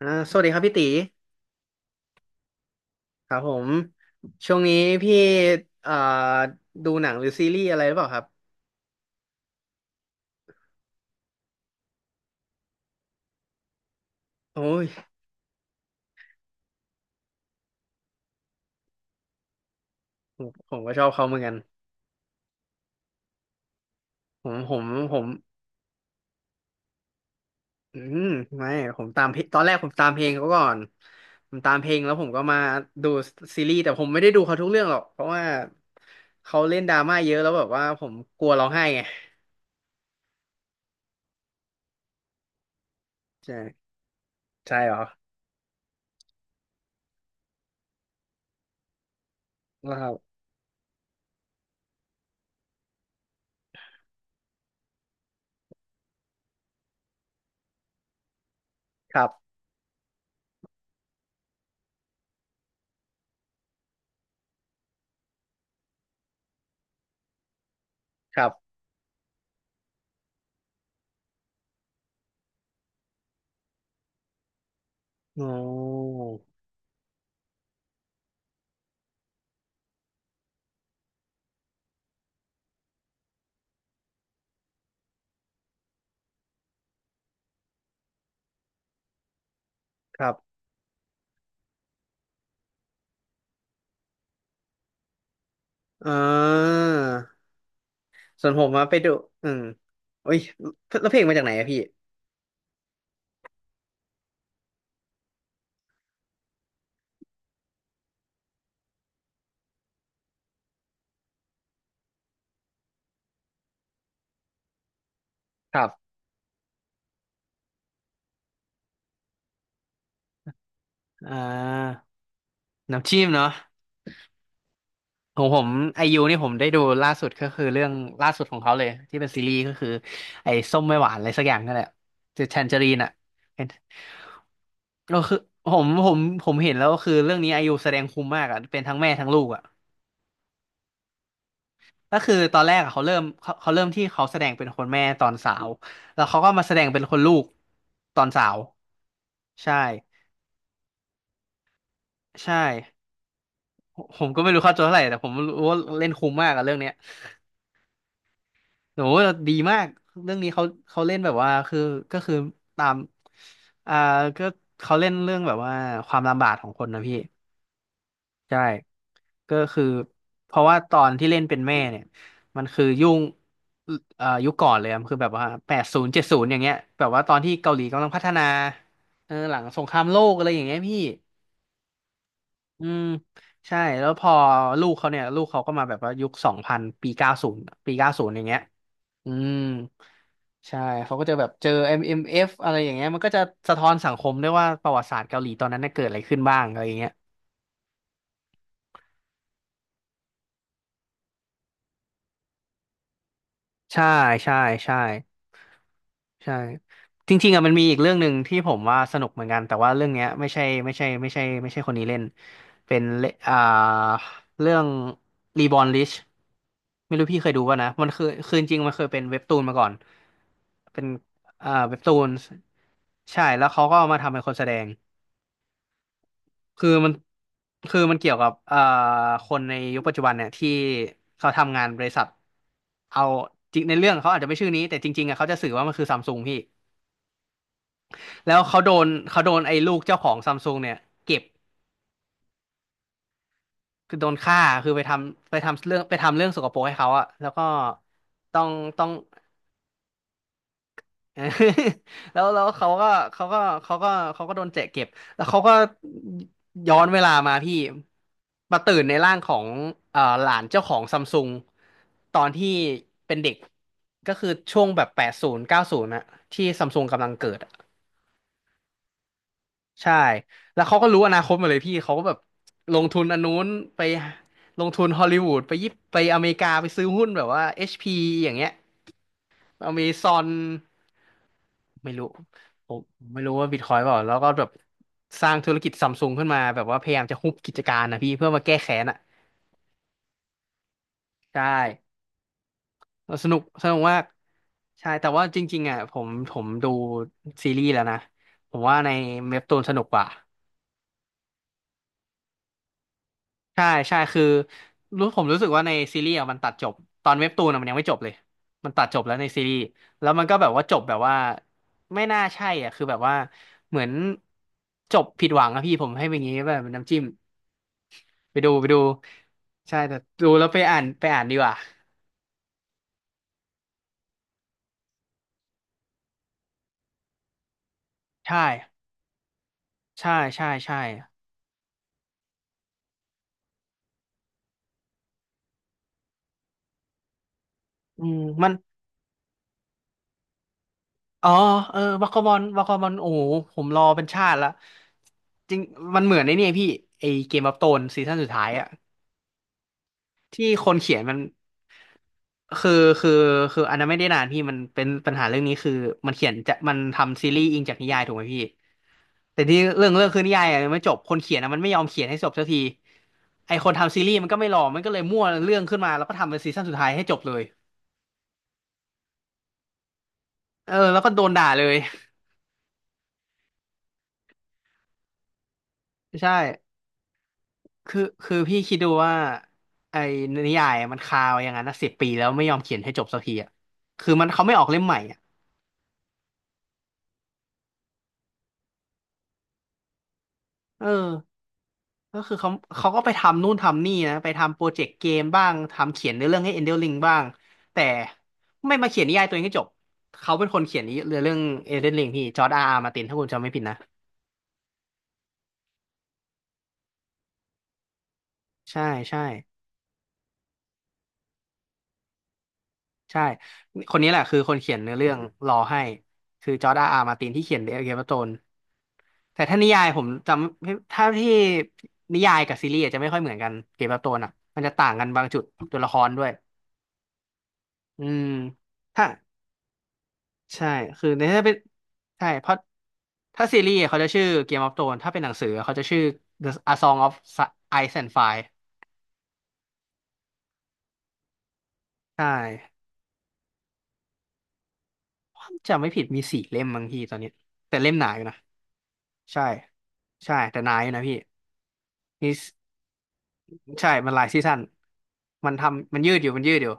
สวัสดีครับพี่ตีครับผมช่วงนี้พี่เอ่อดูหนังหรือซีรีส์อะไรหรือเปล่าครับโอ้ยผมก็ชอบเขาเหมือนกันผมผมผมอืมไม่ผมตามเพลงตอนแรกผมตามเพลงเขาก่อนผมตามเพลงแล้วผมก็มาดูซีรีส์แต่ผมไม่ได้ดูเขาทุกเรื่องหรอกเพราะว่าเขาเล่นดราม่าเยอะแล้วแบบว่าผมกลัวร้องไห้ไงใช่ใช่เหรอครับครับครับอ๋อครับเออ ส่วนผมมาไปดูอืมโอ้ยแล้วเพลงมาจากไหนอะพี่ครับอ่าน้ำจิ้มเนาะของผมไอยูนี่ผมได้ดูล่าสุดก็คือเรื่องล่าสุดของเขาเลยที่เป็นซีรีส์ก็คือไอ้ส้มไม่หวานอะไรสักอย่างนั่นแหละจะแทนเจอรีนอะเป็นก็คือผมเห็นแล้วก็คือเรื่องนี้ไอยูแสดงคุ้มมากอะเป็นทั้งแม่ทั้งลูกอะก็คือตอนแรกอะเขาเริ่มที่เขาแสดงเป็นคนแม่ตอนสาวแล้วเขาก็มาแสดงเป็นคนลูกตอนสาวใช่ใช่ ผมก็ไม่รู้ค่าตัวเท่าไหร่แต่ผมรู้ว่าเล่นคุ้มมากอะเรื่องเนี้ยโหดีมากเรื่องนี้เขาเขาเล่นแบบว่าคือก็คือตามอ่าก็เขาเล่นเรื่องแบบว่าความลำบากของคนนะพี่ใช่ก็คือเพราะว่าตอนที่เล่นเป็นแม่เนี่ยมันคือยุ่งยุคก่อนเลยอะมันคือแบบว่าแปดศูนย์เจ็ดศูนย์อย่างเงี้ยแบบว่าตอนที่เกาหลีกำลังพัฒนาเออหลังสงครามโลกอะไรอย่างเงี้ยพี่ อืมใช่แล้วพอลูกเขาเนี่ยลูกเขาก็มาแบบว่ายุคสองพันปีเก้าศูนย์ปีเก้าศูนย์อย่างเงี้ยอืมใช่เขาก็จะแบบเจอ MMF อมเอ็มเอฟอะไรอย่างเงี้ยมันก็จะสะท้อนสังคมด้วยว่าประวัติศาสตร์เกาหลีตอนนั้นน่ะเกิดอะไรขึ้นบ้างอะไรอย่างเงี้ย ใช่ใช่ใช่ใช่จริงๆอ่ะมันมีอีกเรื่องหนึ่งที่ผมว่าสนุกเหมือนกันแต่ว่าเรื่องเนี้ยไม่ใช่คนนี้เล่นเป็นเลอ่าเรื่อง Reborn Rich ไม่รู้พี่เคยดูป่ะนะมันคือจริงๆมันเคยเป็นเว็บตูนมาก่อนเป็นอ่าเว็บตูนใช่แล้วเขาก็เอามาทำเป็นคนแสดง คือมันคือมันเกี่ยวกับคนในยุคปัจจุบันเนี่ยที่เขาทำงานบริษัทเอาจริงในเรื่องเขาอาจจะไม่ชื่อนี้แต่จริงๆอะเขาจะสื่อว่ามันคือซัมซุงพี่แล้วเขาโดนไอ้ลูกเจ้าของซัมซุงเนี่ยเก็บคือโดนฆ่าคือไปทำไปทำเรื่องไปทำเรื่องสกปรกให้เขาอะแล้วก็ต้องต้อง เออ แล้วเขาก็เขาก็เขาก็เขาก็โดนเจ๊เก็บแล้วเขาก็ย้อนเวลามาพี่มาตื่นในร่างของหลานเจ้าของซัมซุงตอนที่เป็นเด็กก็คือช่วงแบบแปดศูนย์เก้าศูนย์ะที่ซัมซุงกำลังเกิดอะใช่แล้วเขาก็รู้อนาคตหมาเลยพี่เขาก็แบบลงทุนอันนู้นไปลงทุนฮอลลีวูดไปยิปไปอเมริกาไปซื้อหุ้นแบบว่า HP อชพีอย่างเงี้ย เรามีซอนไม่รู้ผมไม่รู้ว่าบิตคอยเปล่าแล้วก็แบบสร้างธุรกิจซัมซุงขึ้นมาแบบว่าพยายามจะฮุบกิจการนะพี่เพื่อมาแก้แค้นอ่ะใช่สนุกมากใช่แต่ว่าจริงๆอ่ะผมดูซีรีส์แล้วนะผมว่าในเว็บตูนสนุกกว่า ใช่ใช่คือรู้ผมรู้สึกว่าในซีรีส์อะมันตัดจบตอนเว็บตูนอะมันยังไม่จบเลยมันตัดจบแล้วในซีรีส์แล้วมันก็แบบว่าจบแบบว่าไม่น่าใช่อ่ะคือแบบว่าเหมือนจบผิดหวังอะพี่ผมให้เป็นอย่างงี้แบบเป็นน้ำจิ้มไปดูใช่แต่ดูแล้วไปอ่านดีกว่าใช่ใช่อืมมันอ๋อเออวากาบอลโอ้โหผมรอเป็นชาติละจริงมันเหมือนในนี่ยพี่ไอเกมออฟโธรนซีซั่นสุดท้ายอะที่คนเขียนมัน คือคือคืออันนั้นไม่ได้นานพี่มันเป็นปัญหาเรื่องนี้คือมันเขียนจะมันทำซีรีส์อิงจากนิยายถูกไหมพี่แต่ที่เรื่องคือนิยายอะยังไม่จบคนเขียนอะมันไม่ยอมเขียนให้จบสักทีไอคนทำซีรีส์มันก็ไม่รอมันก็เลยมั่วเรื่องขึ้นมาแล้วก็ทำเป็นซีซั่นสุดท้ายให้จบเลยเออแล้วก็โดนด่าเลยใช่คือพี่คิดดูว่าไอ้นิยายอะมันคาไว้อย่างนั้น10 ปีแล้วไม่ยอมเขียนให้จบสักทีอ่ะคือมันเขาไม่ออกเล่มใหม่อ่ะเออ ก็คือเขาเขาก็ไปทำนู่นทำนี่นะไปทำโปรเจกต์เกมบ้างทำเขียนเนื้อเรื่องให้ Elden Ring บ้างแต่ไม่มาเขียนนิยายตัวเองให้จบเขาเป็นคนเขียนนี้เรื่อง Elden Ring พี่จอร์จอาร์อาร์มาร์ตินถ้าคุณจำไม่ผิดนะใช่ใช่ใช่คนนี้แหละคือคนเขียนเนื้อเรื่องรอให้คือจอร์จอาร์อาร์มาร์ตินที่เขียนเดอะเกมโธนแต่ถ้านิยายผมจำถ้าที่นิยายกับซีรีส์อาจจะไม่ค่อยเหมือนกันเกมโธนอ่ะมันจะต่างกันบางจุดตัวละครด้วยอืมถ้า ใช่คือในถ้าเป็นใช่เพราะถ้าซีรีส์เขาจะชื่อ Game of Thrones ถ้าเป็นหนังสือเขาจะชื่อ The A Song of Ice and Fire ใช่ผมจำไม่ผิดมี4 เล่มบางทีตอนนี้แต่เล่มหนาอยู่นะใช่ใช่แต่หนาอยู่นะพี่นี่ ใช่ มันหลายซีซั่นมันทำมันยืดอยู่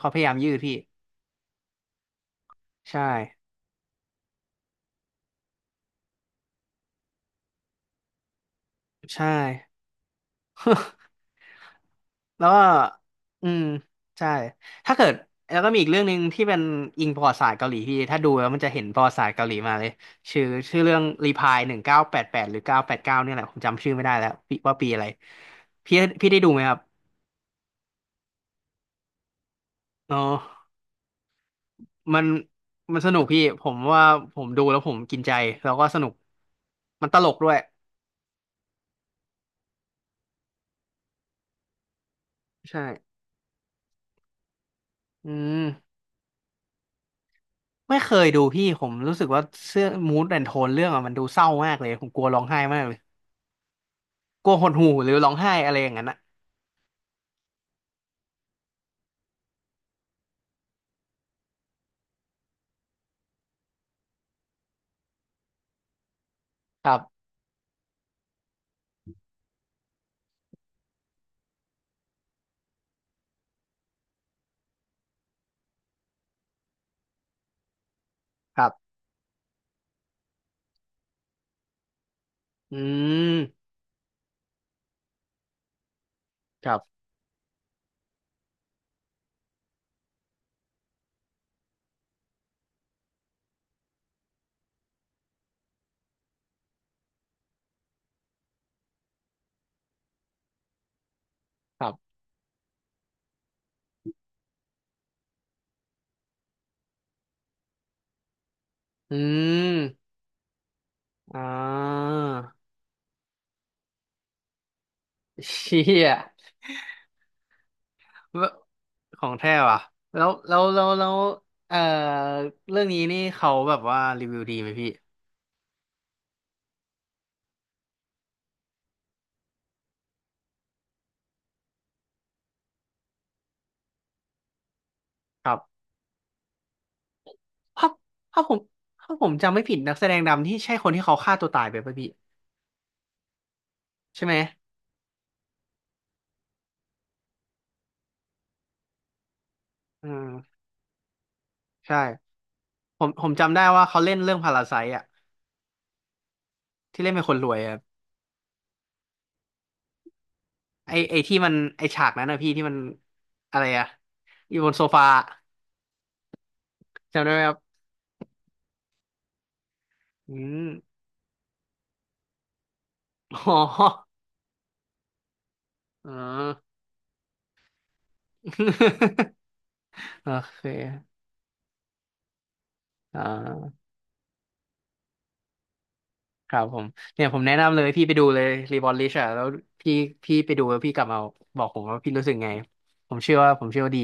เขาพยายามยืดพี่ ใช่ ใช่ แล้วก็อืมใช่ถ้าเกิดแล้วก็มีอีกเรื่องหนึ่งที่เป็นอิงประวัติศาสตร์เกาหลีพี่ถ้าดูแล้วมันจะเห็นประวัติศาสตร์เกาหลีมาเลยชื่อเรื่องรีพาย1988หรือ989เนี่ยแหละผมจำชื่อไม่ได้แล้วปีว่าปีอะไรพี่พี่ได้ดูไหมครับอ๋อมันมันสนุกพี่ผมว่าผมดูแล้วผมกินใจแล้วก็สนุกมันตลกด้วยใช่อืมไม่เคยดูพี่ผมรู้สึกว่าเสื้อมูดแอนโทนเรื่องอะมันดูเศร้ามากเลยผมกลัวร้องไห้มากเลย กลัวหดหู่หรือร้องไห้อะไรอย่างนั้นนะครับครับอืมครับครับอืมอ่าเชี่ยของแท้ว่ะแล้วเอ่อเรื่องนี้นี่เขาแบบว่ารีวิวดีไหมพี่ครับถ้าถ้าผมถ้าผมจำไม่ผิดนักแสดงนำที่ใช่คนที่เขาฆ่าตัวตายไปป่ะพี่ใช่ไหมอืมใช่ผมจำได้ว่าเขาเล่นเรื่องพาราไซต์อ่ะที่เล่นเป็นคนรวยอะ ไอที่มันไอฉากนั้นนะพี่ที่มันอะไรอะอยู่บนโซฟาจำได้ไหมครับอืมอ๋ออ๋อ โอเคอ่าครับผมเนี่ยผมแนะนำเลยพี่ไปดูเลย Reborn Rich อะแล้วพี่พี่ไปดูแล้วพี่กลับมาบอกผมว่าพี่รู้สึกไงผมเชื่อว่าดี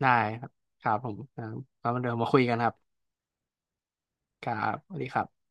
ได้ครับครับผมอ่าแล้วเดี๋ยวมาคุยกันครับครับสวัสดีครับ